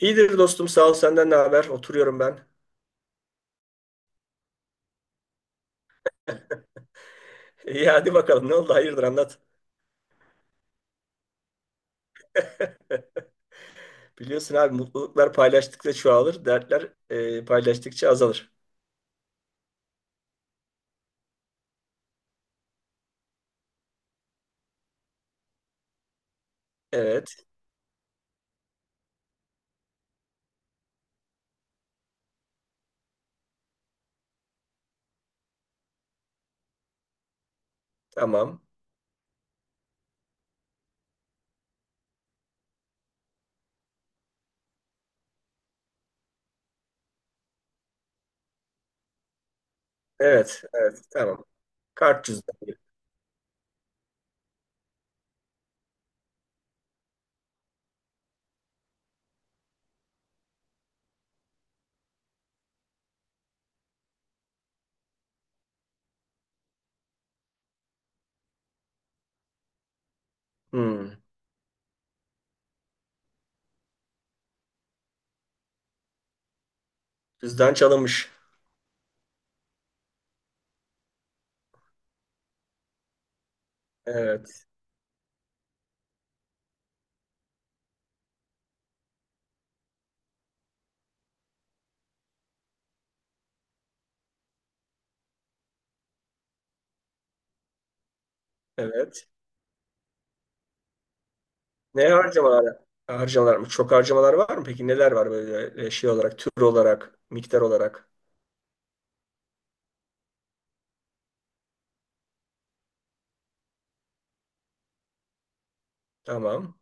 İyidir dostum sağ ol senden ne haber? Oturuyorum ben. İyi hadi bakalım ne oldu hayırdır anlat. Biliyorsun abi mutluluklar paylaştıkça çoğalır, dertler paylaştıkça azalır. Evet tamam. Evet evet tamam. Kart cüzdan. Hmm, Cüzdan çalınmış. Evet evet. Ne harcamalar? Harcamalar mı? Çok harcamalar var mı? Peki neler var böyle şey olarak, tür olarak, miktar olarak? Tamam.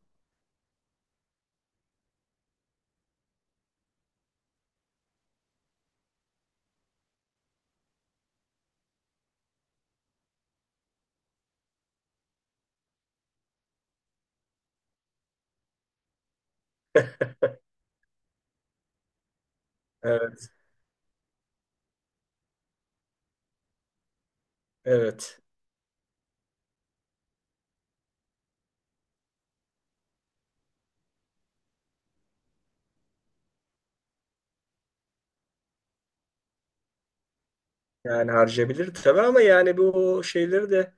Evet evet. Yani harcayabilir tabii ama yani bu şeyleri de.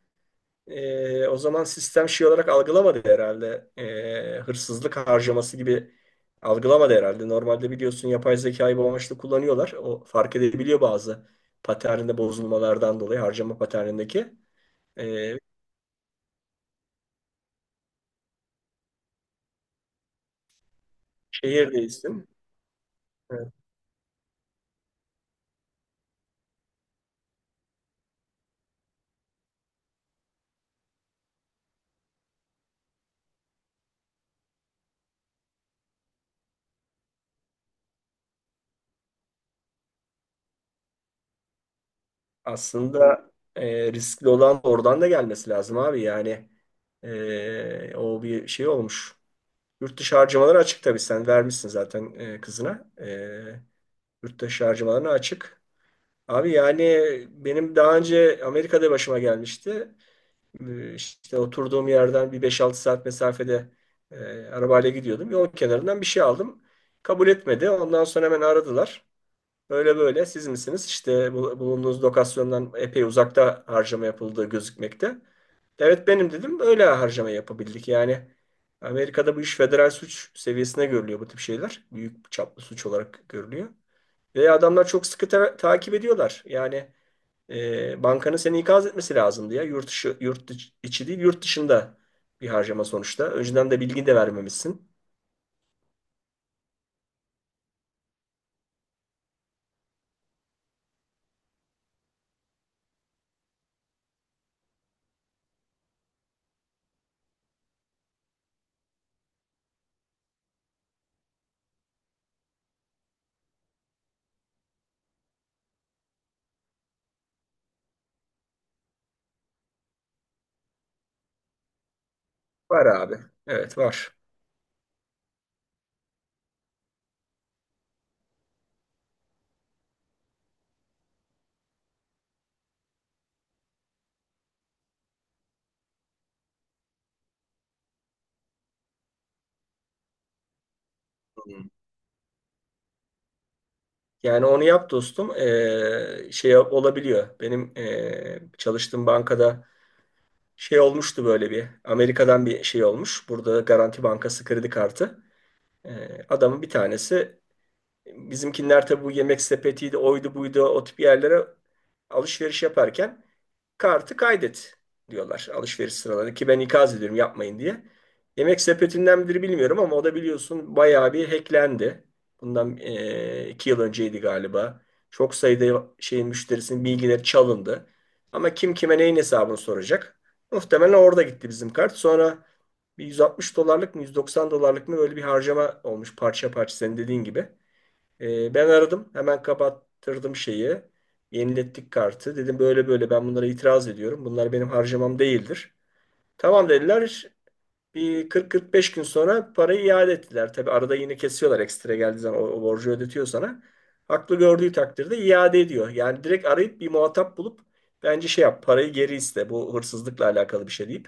O zaman sistem şey olarak algılamadı herhalde. Hırsızlık harcaması gibi algılamadı herhalde. Normalde biliyorsun yapay zekayı bu amaçla kullanıyorlar. O fark edebiliyor bazı paterninde bozulmalardan dolayı harcama paternindeki. Ee, Şehir değilsin. Evet. Aslında riskli olan oradan da gelmesi lazım abi. Yani o bir şey olmuş. Yurt dışı harcamaları açık tabii. Sen vermişsin zaten kızına. Yurt dışı harcamalarına açık. Abi yani benim daha önce Amerika'da başıma gelmişti. İşte oturduğum yerden bir 5-6 saat mesafede e, arabayla gidiyordum. Yol kenarından bir şey aldım. Kabul etmedi. Ondan sonra hemen aradılar. Böyle böyle siz misiniz? İşte bulunduğunuz lokasyondan epey uzakta harcama yapıldığı gözükmekte. Evet benim dedim. Öyle harcama yapabildik. Yani Amerika'da bu iş federal suç seviyesine görülüyor bu tip şeyler. Büyük çaplı suç olarak görülüyor. Ve adamlar çok sıkı takip ediyorlar. Yani bankanın seni ikaz etmesi lazımdı ya. Yurt dışı, yurt dışı- içi değil, yurt dışında bir harcama sonuçta. Önceden de bilgi de vermemişsin. Var abi. Evet var. Hı. Yani onu yap dostum. Şey olabiliyor. Benim çalıştığım bankada şey olmuştu böyle bir. Amerika'dan bir şey olmuş. Burada Garanti Bankası kredi kartı. Adamın bir tanesi, bizimkiler tabi bu yemek sepetiydi, oydu buydu o tip yerlere alışveriş yaparken kartı kaydet diyorlar alışveriş sıralarında ki ben ikaz ediyorum yapmayın diye. Yemek sepetinden midir bilmiyorum ama o da biliyorsun bayağı bir hacklendi. Bundan 2 yıl önceydi galiba. Çok sayıda şeyin müşterisinin bilgileri çalındı. Ama kim kime neyin hesabını soracak? Muhtemelen orada gitti bizim kart. Sonra bir 160 dolarlık mı 190 dolarlık mı böyle bir harcama olmuş parça parça senin dediğin gibi. Ben aradım. Hemen kapattırdım şeyi. Yenilettik kartı. Dedim böyle böyle ben bunlara itiraz ediyorum. Bunlar benim harcamam değildir. Tamam dediler. Bir 40-45 gün sonra parayı iade ettiler. Tabi arada yine kesiyorlar, ekstra geldiği zaman o borcu ödetiyor sana. Haklı gördüğü takdirde iade ediyor. Yani direkt arayıp bir muhatap bulup bence şey yap, parayı geri iste. Bu hırsızlıkla alakalı bir şey deyip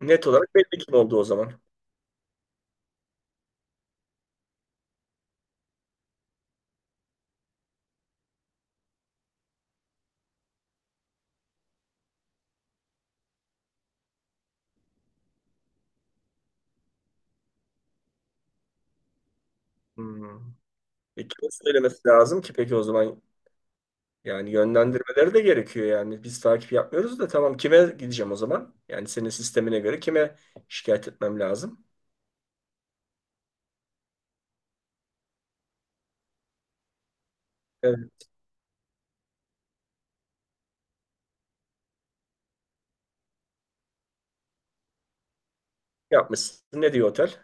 net olarak belli kim oldu o zaman. Hmm. Kime söylemesi lazım ki peki o zaman? Yani yönlendirmeleri de gerekiyor yani. Biz takip yapmıyoruz da tamam kime gideceğim o zaman? Yani senin sistemine göre kime şikayet etmem lazım? Evet, yapmışsın. Ne diyor otel?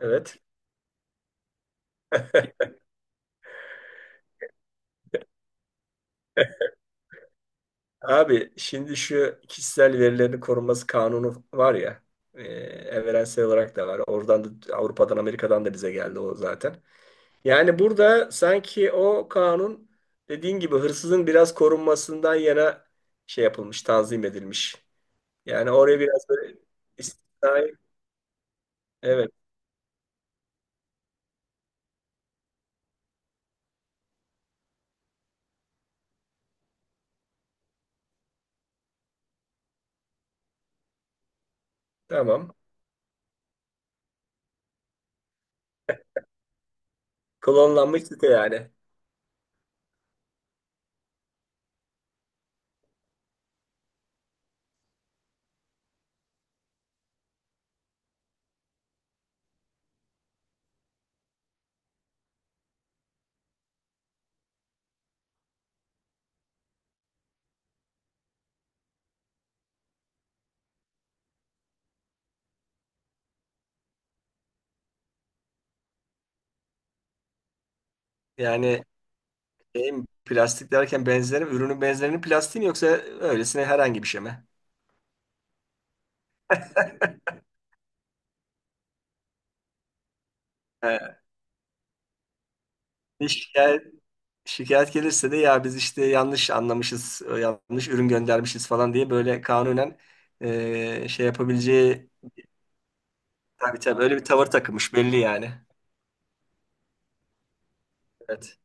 Evet. Abi şimdi şu kişisel verilerin korunması kanunu var ya, evrensel olarak da var. Oradan da Avrupa'dan Amerika'dan da bize geldi o zaten. Yani burada sanki o kanun dediğin gibi hırsızın biraz korunmasından yana şey yapılmış, tanzim edilmiş. Yani oraya biraz böyle istisnai. Evet, tamam. Klonlanmış site yani. Yani şeyim, plastik derken benzerim, ürünün benzerinin plastiği mi yoksa öylesine herhangi bir şey mi? He. Bir şikayet gelirse de ya biz işte yanlış anlamışız, yanlış ürün göndermişiz falan diye böyle kanunen şey yapabileceği. Tabii tabii öyle bir tavır takılmış belli yani. Evet.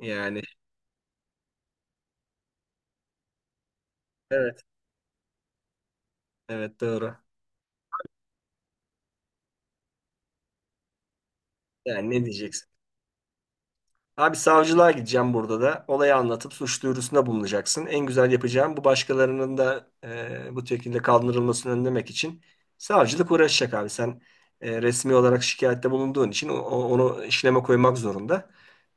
Yani evet. Evet doğru. Yani ne diyeceksin? Abi savcılığa gideceğim burada da. Olayı anlatıp suç duyurusunda bulunacaksın. En güzel yapacağım bu, başkalarının da bu şekilde kaldırılmasını önlemek için savcılık uğraşacak abi. Sen resmi olarak şikayette bulunduğun için onu işleme koymak zorunda.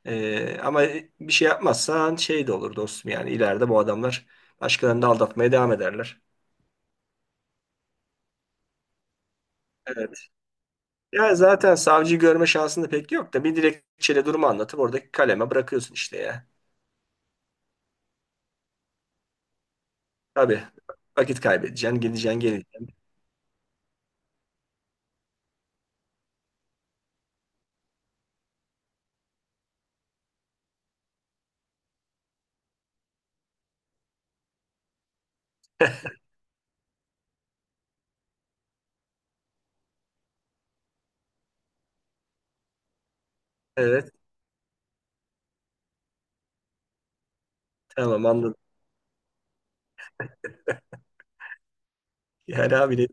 Ama bir şey yapmazsan şey de olur dostum, yani ileride bu adamlar başkalarını da aldatmaya devam ederler. Evet. Ya zaten savcıyı görme şansın da pek yok da bir dilekçeyle durumu anlatıp oradaki kaleme bırakıyorsun işte ya. Tabii. Vakit kaybedeceksin, gideceksin, geleceksin. Evet tamam anladım. Yani abi de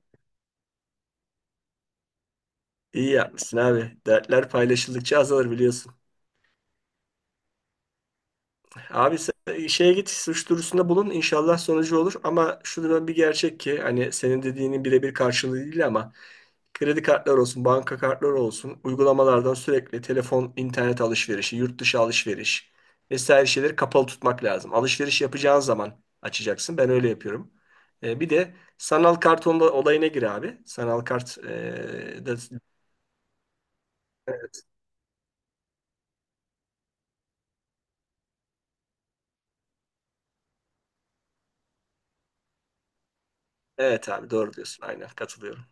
iyi yapmışsın abi. Dertler paylaşıldıkça azalır biliyorsun. Abi sen şeye git, suç duyurusunda bulun inşallah sonucu olur. Ama şunun bir gerçek ki hani senin dediğinin birebir karşılığı değil ama kredi kartları olsun, banka kartları olsun uygulamalardan sürekli telefon, internet alışverişi, yurt dışı alışveriş vesaire şeyleri kapalı tutmak lazım. Alışveriş yapacağın zaman açacaksın. Ben öyle yapıyorum. Bir de sanal kart olayına gir abi. Sanal kart da. Evet abi doğru diyorsun. Aynen katılıyorum.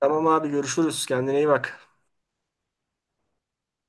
Tamam abi görüşürüz. Kendine iyi bak.